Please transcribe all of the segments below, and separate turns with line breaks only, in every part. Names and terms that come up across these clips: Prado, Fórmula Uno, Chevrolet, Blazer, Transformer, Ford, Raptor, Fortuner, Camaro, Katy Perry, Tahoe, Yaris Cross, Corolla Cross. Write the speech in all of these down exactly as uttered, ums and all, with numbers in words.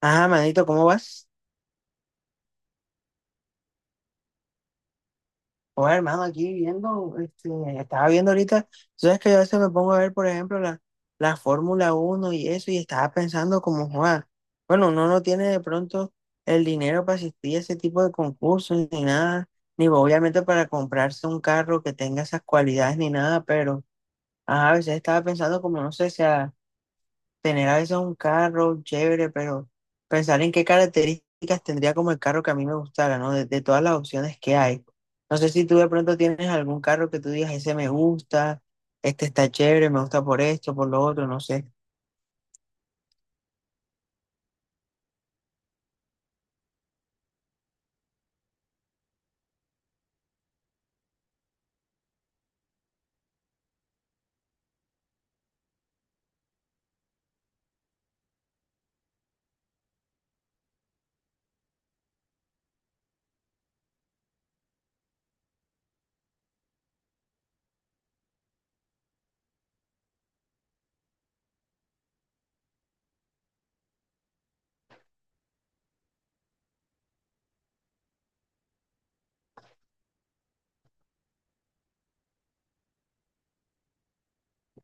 Ah, manito, ¿cómo vas? Oye, hermano, aquí viendo, este, estaba viendo ahorita, tú sabes que yo a veces me pongo a ver, por ejemplo, la, la Fórmula Uno y eso, y estaba pensando como, Juan, bueno, uno no tiene de pronto el dinero para asistir a ese tipo de concursos ni nada, ni obviamente para comprarse un carro que tenga esas cualidades ni nada, pero, ajá, a veces estaba pensando como, no sé, si tener a veces un carro chévere, pero pensar en qué características tendría como el carro que a mí me gustara, ¿no? De, de todas las opciones que hay. No sé si tú de pronto tienes algún carro que tú digas, ese me gusta, este está chévere, me gusta por esto, por lo otro, no sé.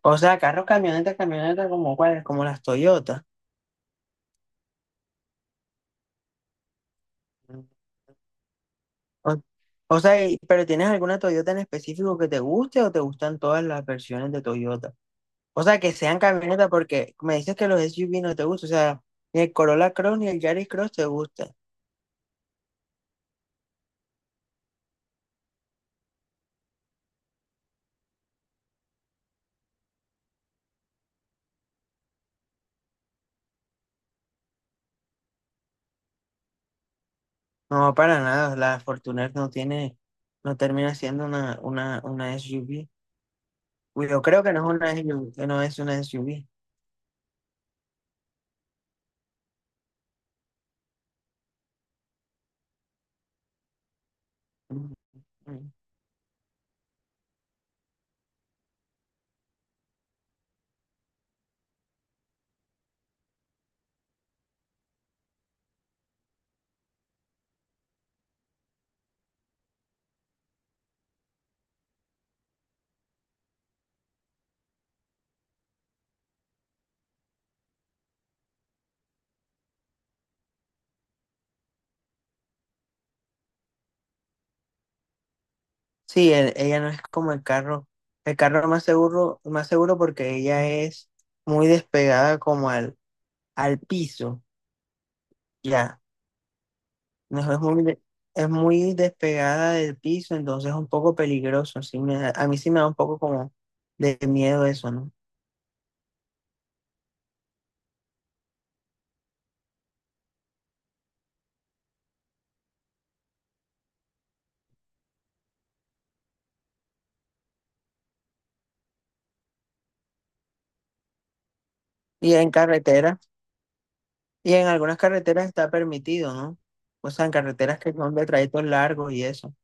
O sea, carros, camionetas, camionetas como cuáles, como las Toyotas. O, o sea, y- pero ¿tienes alguna Toyota en específico que te guste o te gustan todas las versiones de Toyota? O sea, que sean camionetas porque me dices que los S U V no te gustan. O sea, ni el Corolla Cross ni el Yaris Cross te gustan. No, para nada. La Fortuner no tiene, no termina siendo una, una, una S U V. Uy, yo creo que no es una S U V, que no es una S U V. Ujú. Sí, el- ella no es como el carro. El carro más seguro, más seguro porque ella es muy despegada como al, al piso. Ya. No, es muy, de- es muy despegada del piso, entonces es un poco peligroso. Sí me da- a mí sí me da un poco como de miedo eso, ¿no? Y en carretera, y en algunas carreteras está permitido, ¿no? O sea, en carreteras que son de trayectos largos y eso.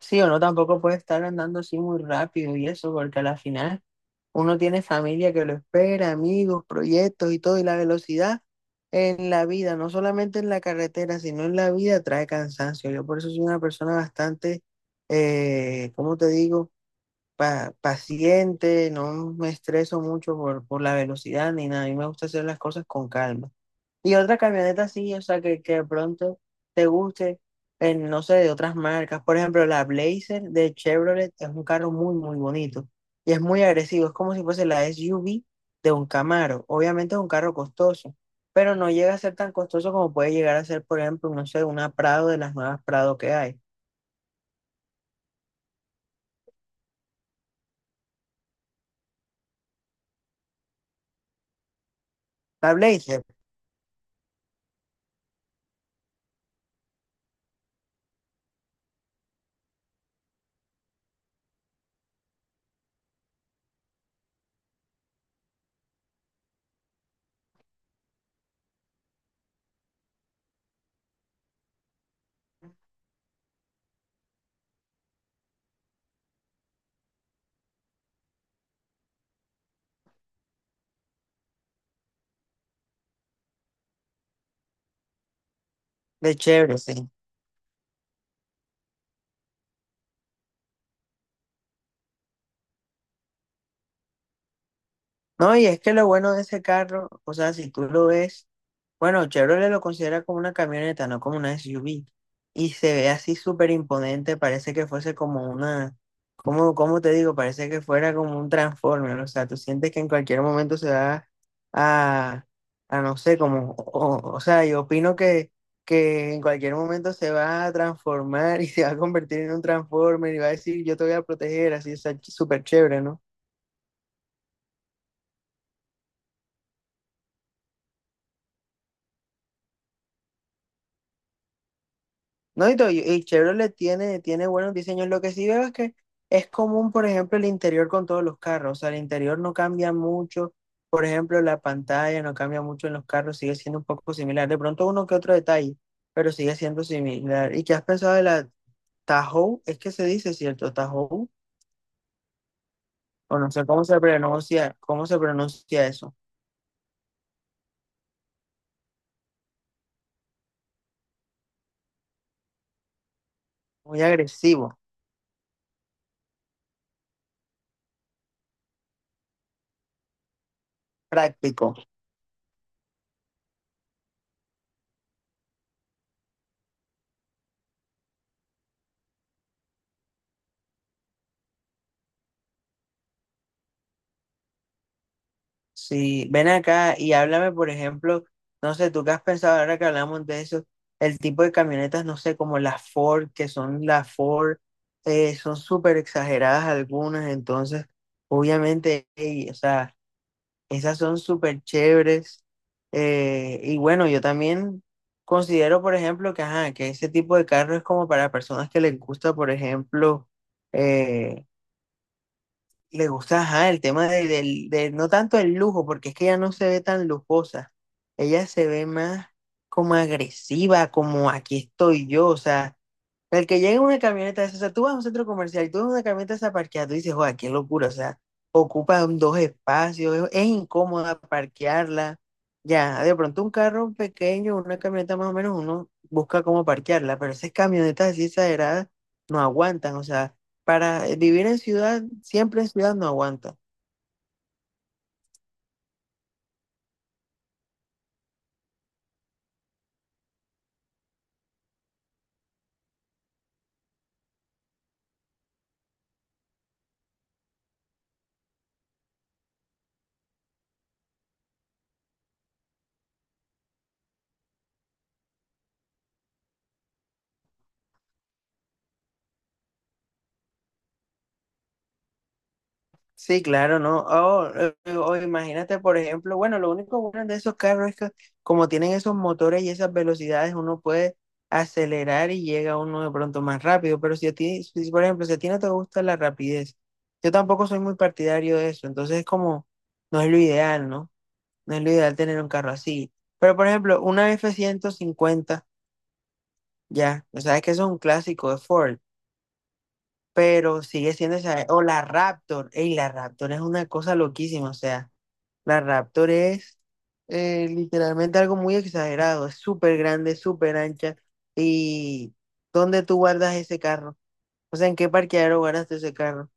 Sí, uno tampoco puede estar andando así muy rápido y eso, porque a la final uno tiene familia que lo espera, amigos, proyectos y todo, y la velocidad en la vida, no solamente en la carretera, sino en la vida trae cansancio. Yo por eso soy una persona bastante, eh, ¿cómo te digo? Pa- paciente, no me estreso mucho por, por la velocidad ni nada, a mí me gusta hacer las cosas con calma. Y otra camioneta así, o sea, que, que de pronto te guste, en, no sé, de otras marcas. Por ejemplo, la Blazer de Chevrolet es un carro muy, muy bonito y es muy agresivo. Es como si fuese la S U V de un Camaro. Obviamente es un carro costoso, pero no llega a ser tan costoso como puede llegar a ser, por ejemplo, no sé, una Prado de las nuevas Prado que hay. La Blazer de Chevrolet, sí. No, y es que lo bueno de ese carro, o sea, si tú lo ves, bueno, Chevrolet lo considera como una camioneta, no como una S U V, y se ve así súper imponente, parece que fuese como una, como, ¿cómo te digo? Parece que fuera como un Transformer, o sea, tú sientes que en cualquier momento se va a, a no sé, como, o, o sea, yo opino que, que en cualquier momento se va a transformar y se va a convertir en un Transformer y va a decir, yo te voy a proteger, así, o sea, súper chévere, ¿no? No, y, to- y- y Chevrolet tiene, tiene buenos diseños. Lo que sí veo es que es común, por ejemplo, el interior con todos los carros. O sea, el interior no cambia mucho. Por ejemplo, la pantalla no cambia mucho en los carros, sigue siendo un poco similar. De pronto uno que otro detalle, pero sigue siendo similar. ¿Y qué has pensado de la Tahoe? Es que se dice, ¿cierto? Tahoe. O no sé cómo se pronuncia, cómo se pronuncia eso. Muy agresivo, práctico. Sí, ven acá y háblame, por ejemplo, no sé, tú qué has pensado ahora que hablamos de eso, el tipo de camionetas, no sé, como las Ford, que son las Ford, eh, son súper exageradas algunas, entonces, obviamente, ey, o sea, esas son súper chéveres. Eh, y bueno, yo también considero, por ejemplo, que, ajá, que ese tipo de carro es como para personas que les gusta, por ejemplo, eh, le gusta, ajá, el tema de, del- de- no tanto el lujo, porque es que ella no se ve tan lujosa. Ella se ve más como agresiva, como aquí estoy yo, o sea. El que llega en una camioneta, de esas, o sea, tú vas a un centro comercial y tú ves una camioneta esa parqueada, tú dices, joder, qué locura, o sea, ocupan dos espacios, es, es incómoda parquearla. Ya, de pronto un carro pequeño, una camioneta más o menos, uno busca cómo parquearla, pero esas camionetas así exageradas no aguantan, o sea, para vivir en ciudad, siempre en ciudad no aguanta. Sí, claro, ¿no? O eh, o imagínate, por ejemplo, bueno, lo único bueno de esos carros es que como tienen esos motores y esas velocidades, uno puede acelerar y llega uno de pronto más rápido, pero si a ti, si, por ejemplo, si a ti no te gusta la rapidez, yo tampoco soy muy partidario de eso, entonces es como, no es lo ideal, ¿no? No es lo ideal tener un carro así. Pero, por ejemplo, una f ciento cincuenta ya, o sea, es que eso es un clásico de Ford, pero sigue siendo esa, o la Raptor, ey, la Raptor es una cosa loquísima, o sea. La Raptor es eh, literalmente algo muy exagerado, es súper grande, súper ancha. ¿Y dónde tú guardas ese carro? O sea, ¿en qué parqueadero guardaste ese carro?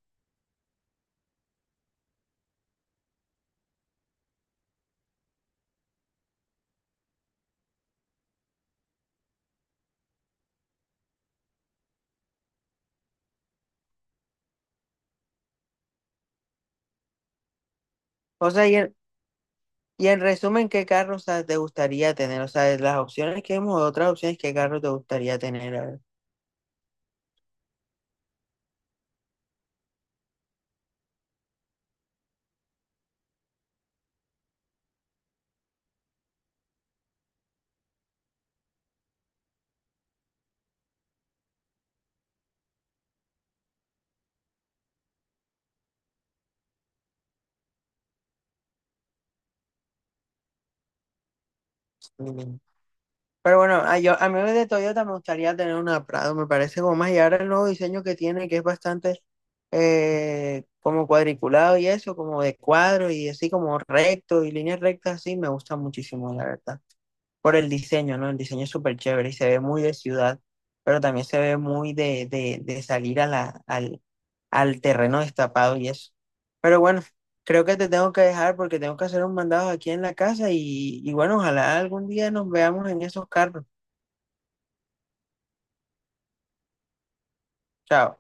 O sea, y en, y en resumen, ¿qué carro, o sea, te gustaría tener? O sea, de las opciones que hemos, otras opciones, ¿qué carro te gustaría tener? A ver. Pero bueno, a, yo, a mí de Toyota me gustaría tener una Prado, me parece como más. Y ahora el nuevo diseño que tiene, que es bastante eh, como cuadriculado y eso, como de cuadro y así como recto y líneas rectas, así me gusta muchísimo, la verdad. Por el diseño, ¿no? El diseño es súper chévere y se ve muy de ciudad, pero también se ve muy de, de, de salir a la, al, al terreno destapado y eso. Pero bueno, creo que te tengo que dejar porque tengo que hacer un mandado aquí en la casa y, y bueno, ojalá algún día nos veamos en esos carros. Chao.